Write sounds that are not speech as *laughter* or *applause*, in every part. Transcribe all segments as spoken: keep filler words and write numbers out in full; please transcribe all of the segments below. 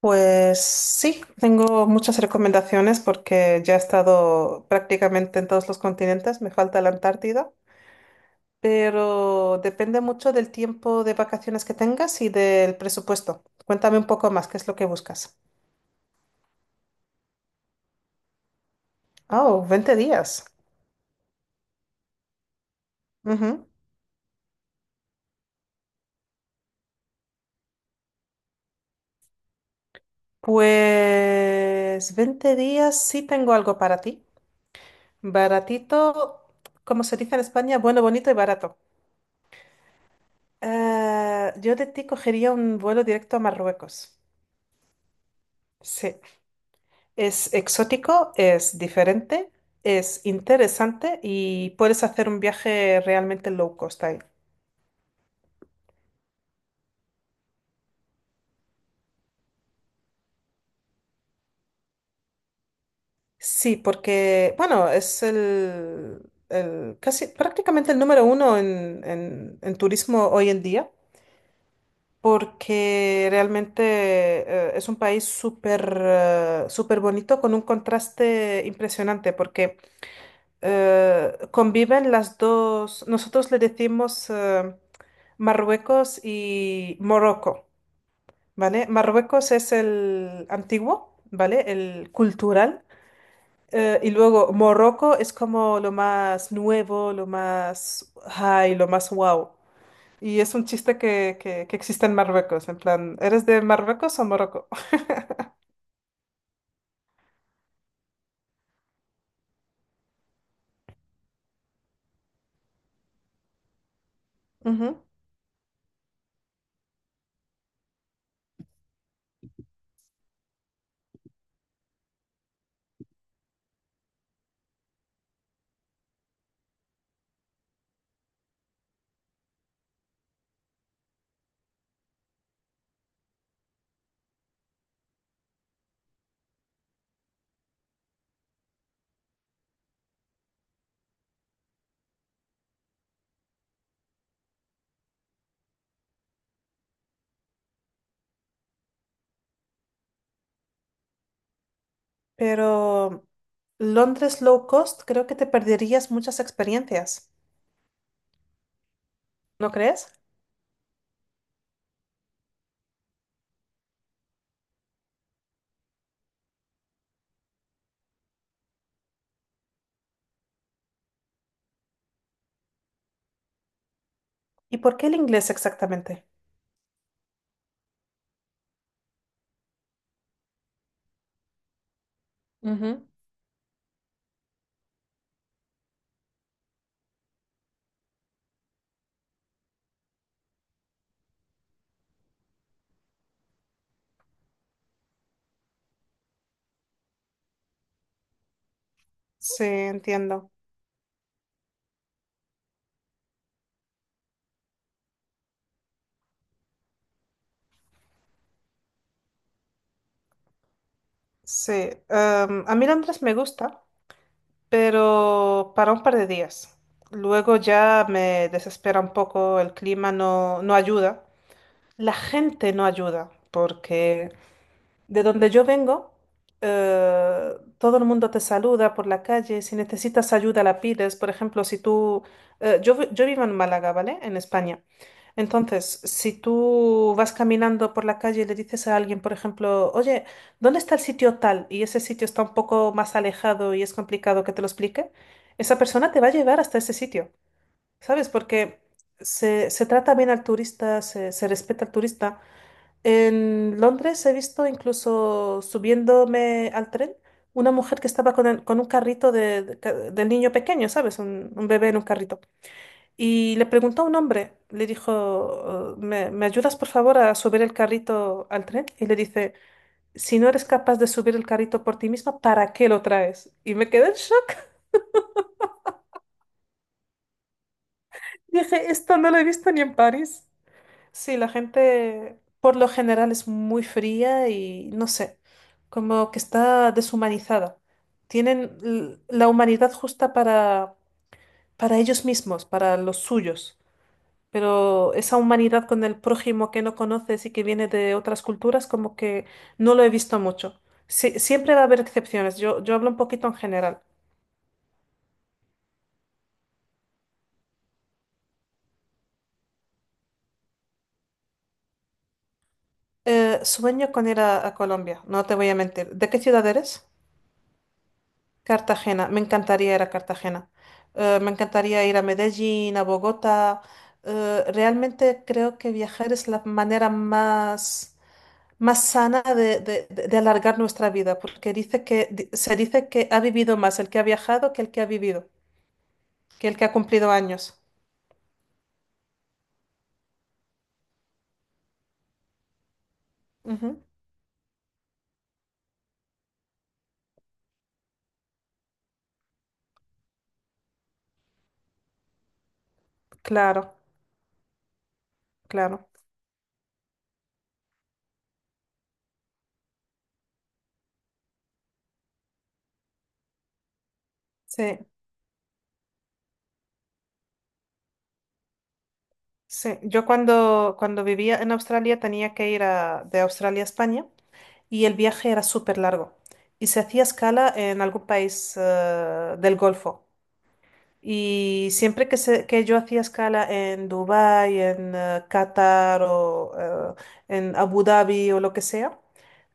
Pues sí, tengo muchas recomendaciones porque ya he estado prácticamente en todos los continentes, me falta la Antártida, pero depende mucho del tiempo de vacaciones que tengas y del presupuesto. Cuéntame un poco más, ¿qué es lo que buscas? Oh, veinte días. Ujú. Pues veinte días sí tengo algo para ti. Baratito, como se dice en España, bueno, bonito y barato. Eh, yo de ti cogería un vuelo directo a Marruecos. Sí. Es exótico, es diferente, es interesante y puedes hacer un viaje realmente low cost ahí. Sí, porque, bueno, es el, el casi prácticamente el número uno en, en- en turismo hoy en día, porque realmente eh, es un país súper eh, súper bonito con un contraste impresionante, porque eh, conviven las dos. Nosotros le decimos eh, Marruecos y Morocco, ¿vale? Marruecos es el antiguo, ¿vale? El cultural. eh, y luego Morocco es como lo más nuevo, lo más high, lo más wow. Y es un chiste que, que, que existe en Marruecos, en plan, ¿eres de Marruecos o Morocco? *laughs* Ujú. Pero Londres low cost, creo que te perderías muchas experiencias, ¿no crees? ¿Y por qué el inglés exactamente? Ujú. Sí, entiendo. Sí. Em, a mí Londres me gusta, pero para un par de días. Luego ya me desespera un poco, el clima no, no ayuda. La gente no ayuda, porque de donde yo vengo, eh, todo el mundo te saluda por la calle. Si necesitas ayuda, la pides. Por ejemplo, si tú... eh, yo, vi- yo vivo en Málaga, ¿vale? En España. Entonces, si tú vas caminando por la calle y le dices a alguien, por ejemplo, oye, ¿dónde está el sitio tal? Y ese sitio está un poco más alejado y es complicado que te lo explique, esa persona te va a llevar hasta ese sitio, ¿sabes? Porque se, se trata bien al turista, se, se respeta al turista. En Londres he visto, incluso subiéndome al tren, una mujer que estaba con, el- con un carrito de- de- del niño pequeño, ¿sabes? Un, un bebé en un carrito. Y le preguntó a un hombre, le dijo: "Oh, ¿me, me ayudas, por favor, a subir el carrito al tren?". Y le dice: "Si no eres capaz de subir el carrito por ti misma, ¿para qué lo traes?". Y me quedé en shock. Dije, esto no lo he visto ni en París. Sí, la gente por lo general es muy fría y no sé, como que está deshumanizada. Tienen l- la humanidad justa para, para ellos mismos, para los suyos. Pero esa humanidad con el prójimo que no conoces y que viene de otras culturas, como que no lo he visto mucho. Sí, siempre va a haber excepciones. Yo, yo hablo un poquito en general. Eh, sueño con ir a, a Colombia, no te voy a mentir. ¿De qué ciudad eres? Cartagena. Me encantaría ir a Cartagena. Eh, me encantaría ir a Medellín, a Bogotá. Eh, realmente creo que viajar es la manera más más sana de, de- de- de alargar nuestra vida, porque dice que, di- se dice que ha vivido más el que ha viajado que el que ha vivido, que el que ha cumplido años. Ujú. Claro, claro. Sí, sí. Yo cuando, cuando vivía en Australia tenía que ir a- de Australia a España, y el viaje era súper largo y se hacía escala en algún país eh, del Golfo. Y siempre que, se- que yo hacía escala en Dubái, en eh, Qatar o eh, en Abu Dhabi o lo que sea,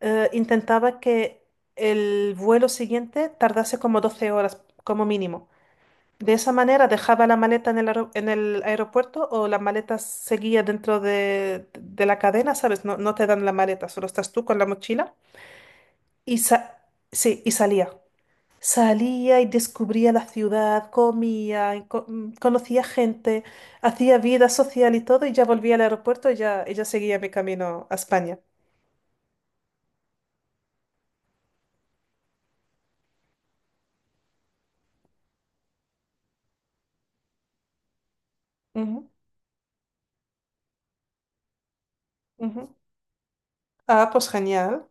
eh, intentaba que el vuelo siguiente tardase como doce horas como mínimo. De esa manera dejaba la maleta en el, aero- en el aeropuerto, o la maleta seguía dentro de, de la cadena, ¿sabes? No, no te dan la maleta, solo estás tú con la mochila. Y, sa- sí, y salía. Salía y descubría la ciudad, comía, y co- mm, conocía gente, hacía vida social y todo, y ya volvía al aeropuerto y ya ella seguía mi camino a España. Ujú, ujú. Ah, pues genial.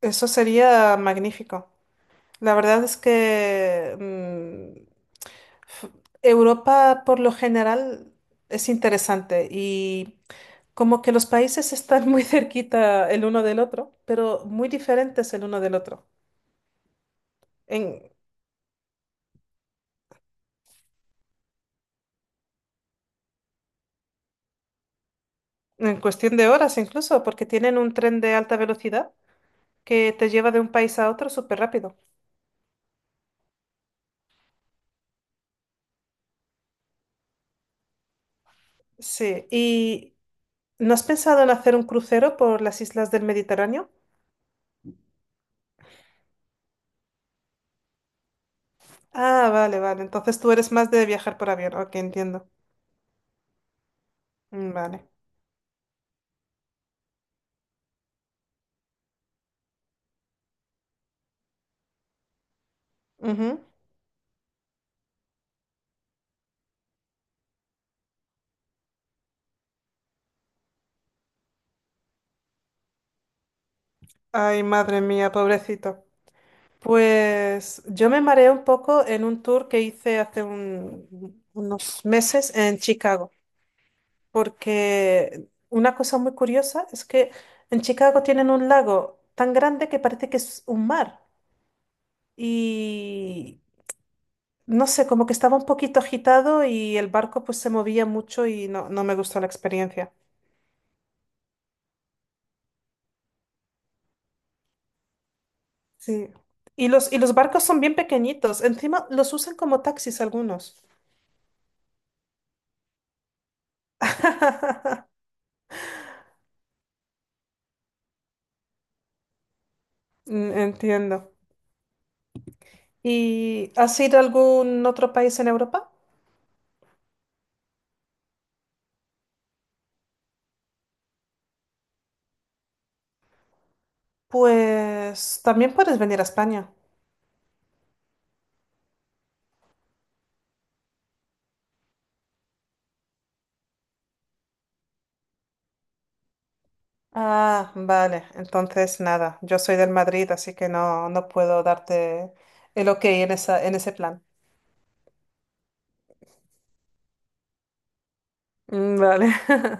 Eso sería magnífico. La verdad es que mm, f- Europa por lo general es interesante y como que los países están muy *laughs* cerquita el uno del otro, pero muy diferentes el uno del otro. En cuestión de horas incluso, porque tienen un tren de alta velocidad que te lleva de un país a otro súper rápido. Sí, ¿y no has pensado en hacer un crucero por las islas del Mediterráneo? Ah, vale, vale. Entonces tú eres más de viajar por avión. Ok, entiendo. Mm. Vale. Ujú. Ay, madre mía, pobrecito. Pues yo me mareé un poco en un tour que hice hace un- unos meses en Chicago, porque una cosa muy curiosa es que en Chicago tienen un lago tan grande que parece que es un mar y no sé, como que estaba un poquito agitado y el barco pues se movía mucho y no, no me gustó la experiencia. Sí. Y los, y los barcos son bien pequeñitos, encima los usan como taxis algunos. *laughs* Mm. Entiendo. ¿Y has ido a algún otro país en Europa? Pues también puedes venir a España. Ah, vale. Entonces, nada, yo soy del Madrid, así que no, no puedo darte el ok en esa, en ese plan. Mm. Vale. *laughs*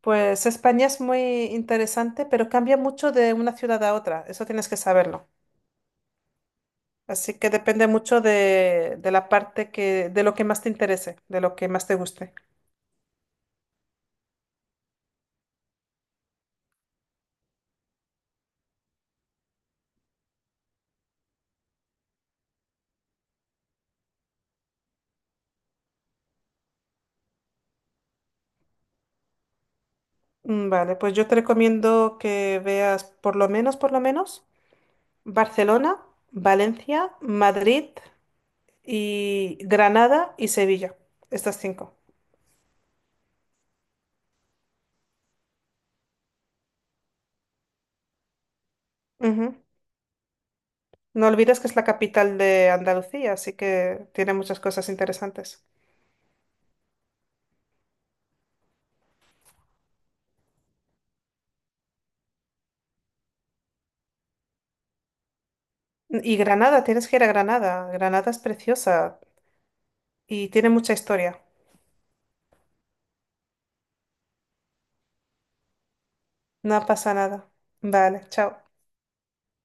Pues España es muy interesante, pero cambia mucho de una ciudad a otra, eso tienes que saberlo. Así que depende mucho de, de la parte que, de lo que más te interese, de lo que más te guste. Mm. Vale, pues yo te recomiendo que veas, por lo menos, por lo menos, Barcelona, Valencia, Madrid y Granada y Sevilla, estas cinco. Ujú. No olvides que es la capital de Andalucía, así que tiene muchas cosas interesantes. Y Granada, tienes que ir a Granada. Granada es preciosa y tiene mucha historia. No pasa nada. Vale, chao.